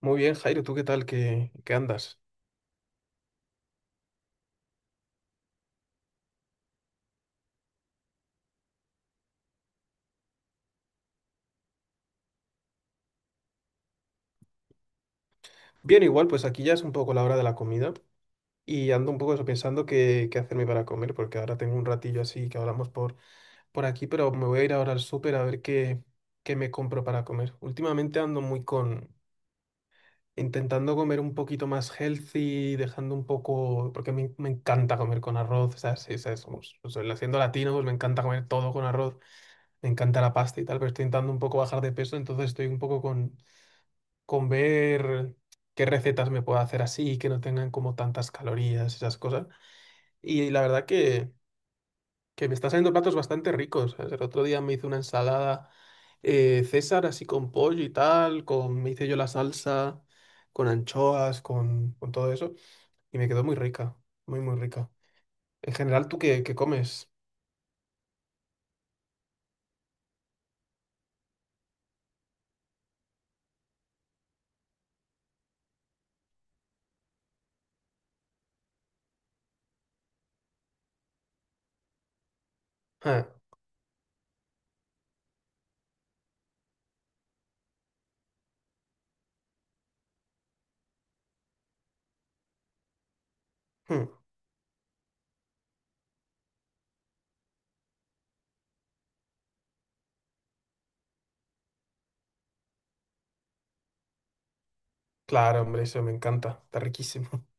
Muy bien, Jairo, ¿tú qué tal? ¿Qué andas? Bien, igual, pues aquí ya es un poco la hora de la comida y ando un poco eso, pensando qué hacerme para comer, porque ahora tengo un ratillo así que hablamos por aquí, pero me voy a ir ahora al súper a ver qué me compro para comer. Últimamente ando intentando comer un poquito más healthy, dejando un poco, porque me encanta comer con arroz, o sea, sí, o sea, siendo latino, pues me encanta comer todo con arroz, me encanta la pasta y tal, pero estoy intentando un poco bajar de peso, entonces estoy un poco con ver qué recetas me puedo hacer así, que no tengan como tantas calorías, esas cosas. Y que me están saliendo platos bastante ricos. ¿Sabes? El otro día me hice una ensalada César así con pollo y tal, me hice yo la salsa, con anchoas, con todo eso, y me quedó muy rica, muy rica. En general, ¿tú qué comes? Ah, hmm, claro, hombre, eso me encanta, está riquísimo.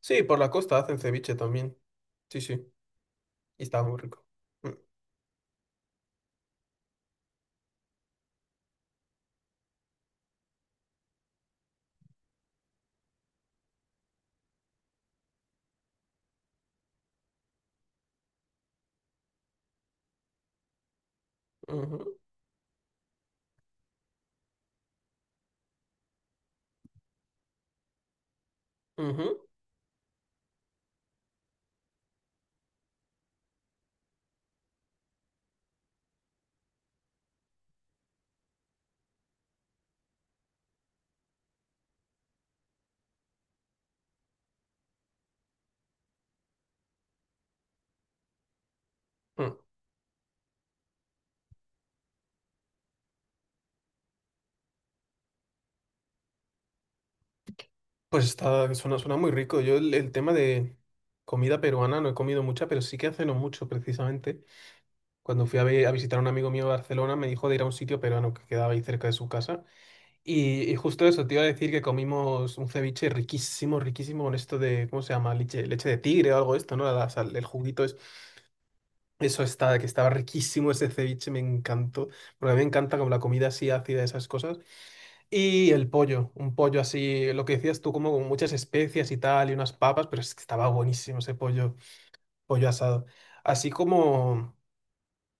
Sí, por la costa hacen ceviche también. Sí, sí, y está muy rico. Mm, ujú. Ujú. Mm. Pues está, suena muy rico. Yo el tema de comida peruana no he comido mucha, pero sí que hace no mucho precisamente. Cuando fui a, a visitar a un amigo mío a Barcelona, me dijo de ir a un sitio peruano que quedaba ahí cerca de su casa. Y justo eso, te iba a decir que comimos un ceviche riquísimo, riquísimo con esto de, ¿cómo se llama? Leche de tigre o algo de esto, ¿no? El juguito es, eso está, que estaba riquísimo ese ceviche, me encantó. Porque a mí me encanta como la comida así ácida, esas cosas. Y el pollo, un pollo así, lo que decías tú, como con muchas especias y tal, y unas papas, pero es que estaba buenísimo ese pollo, pollo asado. Así como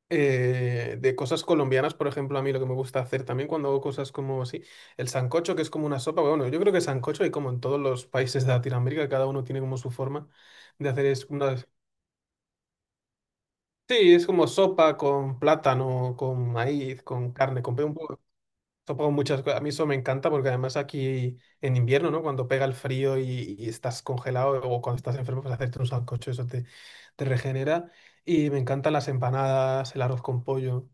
de cosas colombianas, por ejemplo, a mí lo que me gusta hacer también cuando hago cosas como así, el sancocho, que es como una sopa, bueno, yo creo que sancocho hay como en todos los países de Latinoamérica, cada uno tiene como su forma de hacer es una... Sí, es como sopa con plátano, con maíz, con carne, un poco sopa con muchas cosas. A mí eso me encanta porque además aquí en invierno, ¿no? Cuando pega el frío y estás congelado o cuando estás enfermo, pues hacerte un sancocho, te regenera. Y me encantan las empanadas, el arroz con pollo.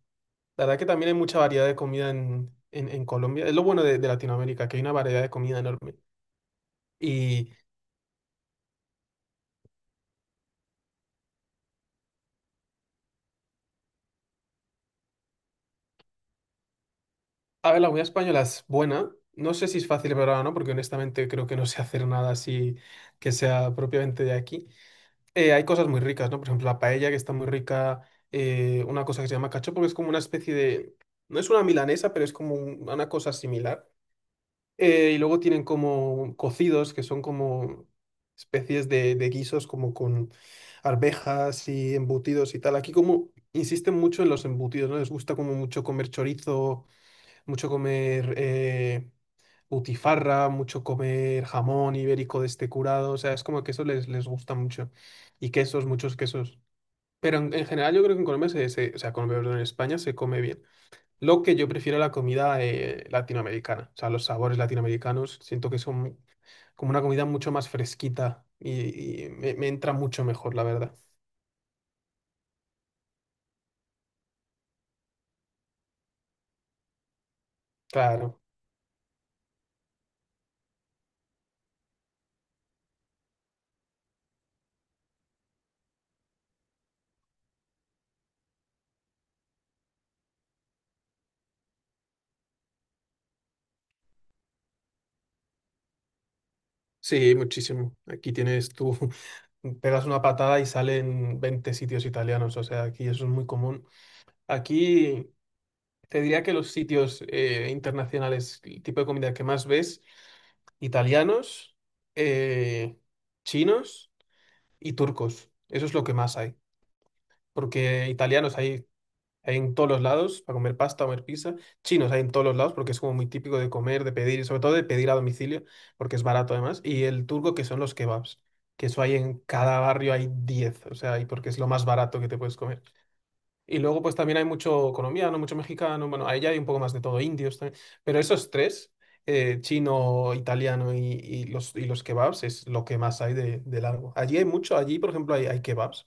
La verdad que también hay mucha variedad de comida en Colombia. Es lo bueno de Latinoamérica, que hay una variedad de comida enorme. Y, a ver, la comida española es buena. No sé si es fácil prepararla o no, porque honestamente creo que no sé hacer nada así que sea propiamente de aquí. Eh, hay cosas muy ricas, ¿no? Por ejemplo, la paella, que está muy rica, una cosa que se llama cachopo, que es como una especie de... No es una milanesa, pero es como una cosa similar. Y luego tienen como cocidos, que son como especies de guisos, como con arvejas y embutidos y tal. Aquí como insisten mucho en los embutidos, ¿no? Les gusta como mucho comer chorizo, mucho comer... Eh, butifarra, mucho comer jamón ibérico de este curado, o sea, es como que eso les gusta mucho. Y quesos, muchos quesos. Pero en general yo creo que en Colombia, Colombia, perdón, en España se come bien. Lo que yo prefiero la comida latinoamericana, o sea, los sabores latinoamericanos, siento que son como una comida mucho más fresquita y me entra mucho mejor, la verdad. Claro, sí, muchísimo. Aquí tienes tú, pegas una patada y salen 20 sitios italianos, o sea, aquí eso es muy común. Aquí... Te diría que los sitios internacionales, el tipo de comida que más ves, italianos, eh, chinos y turcos. Eso es lo que más hay. Porque italianos hay, hay en todos los lados para comer pasta, comer pizza. Chinos hay en todos los lados porque es como muy típico de comer, de pedir, y sobre todo de pedir a domicilio, porque es barato además. Y el turco, que son los kebabs, que eso hay en cada barrio, hay 10 o sea, y porque es lo más barato que te puedes comer. Y luego, pues también hay mucho colombiano, mucho mexicano, bueno, ahí ya hay un poco más de todo, indios también. Pero esos tres, chino, italiano y los kebabs, es lo que más hay de largo. Allí hay mucho, allí, por ejemplo, hay kebabs.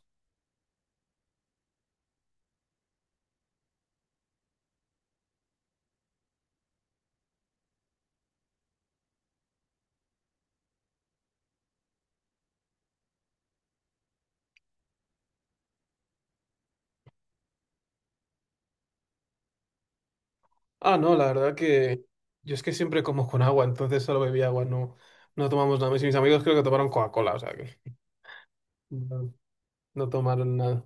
Ah, no, la verdad que yo es que siempre como con agua, entonces solo bebí agua, no, no tomamos nada. Mis amigos creo que tomaron Coca-Cola, o sea que no, no tomaron nada.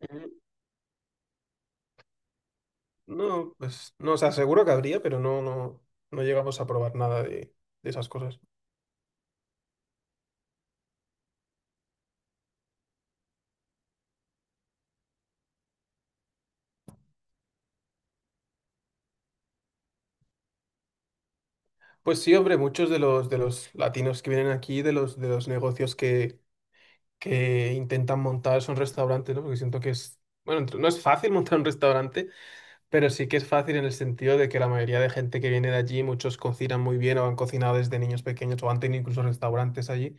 Mm, no, pues no, o sea, seguro que habría, pero no, no, no llegamos a probar nada de, de esas cosas. Pues sí, hombre, muchos de de los latinos que vienen aquí, de de los negocios que intentan montar son restaurantes, ¿no? Porque siento que es, bueno, no es fácil montar un restaurante, pero sí que es fácil en el sentido de que la mayoría de gente que viene de allí, muchos cocinan muy bien o han cocinado desde niños pequeños o han tenido incluso restaurantes allí.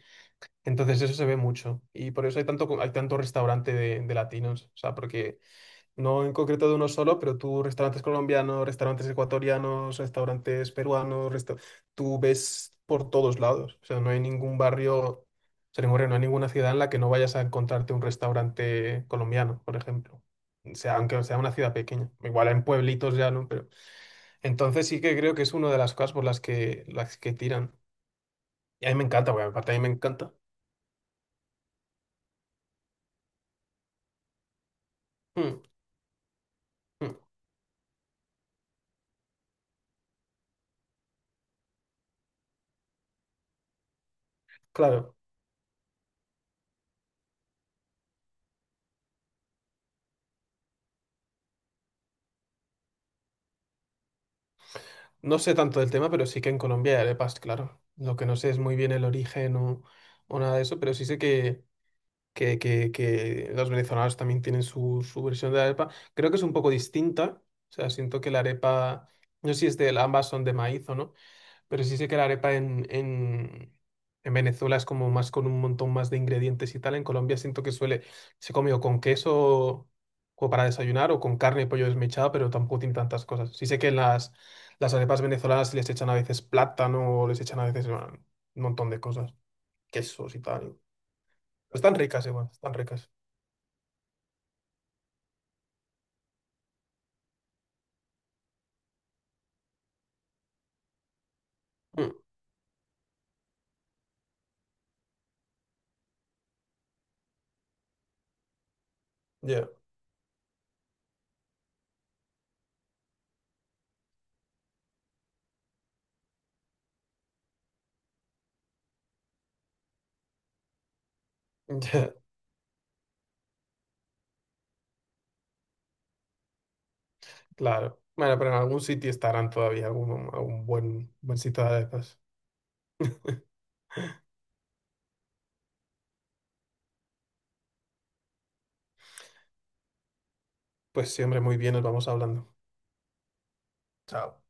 Entonces eso se ve mucho y por eso hay tanto, hay tanto restaurante de latinos, o sea, porque... No en concreto de uno solo, pero tú restaurantes colombianos, restaurantes ecuatorianos, restaurantes peruanos, tú ves por todos lados. O sea, no hay ningún barrio, o sea, ningún barrio, no hay ninguna ciudad en la que no vayas a encontrarte un restaurante colombiano, por ejemplo. O sea, aunque sea una ciudad pequeña. Igual en pueblitos ya, ¿no? Pero entonces sí que creo que es una de las cosas por las que tiran. Y a mí me encanta, porque aparte a mí me encanta. Mm, mm, claro. No sé tanto del tema, pero sí que en Colombia hay arepas, claro. Lo que no sé es muy bien el origen o nada de eso, pero sí sé que los venezolanos también tienen su versión de la arepa. Creo que es un poco distinta. O sea, siento que la arepa, no sé si es de, ambas son de maíz o no. Pero sí sé que la arepa en Venezuela es como más con un montón más de ingredientes y tal. En Colombia siento que suele, se come o con queso o para desayunar o con carne y pollo desmechado, pero tampoco tiene tantas cosas. Sí sé que las arepas venezolanas les echan a veces plátano o les echan a veces bueno, un montón de cosas, quesos y tal. Están ricas igual, están ricas. Mm, ya, ya, claro. Bueno, pero en algún sitio estarán todavía, algún, algún buen, buen sitio de arepas. Pues sí, hombre, muy bien, nos vamos hablando. Chao.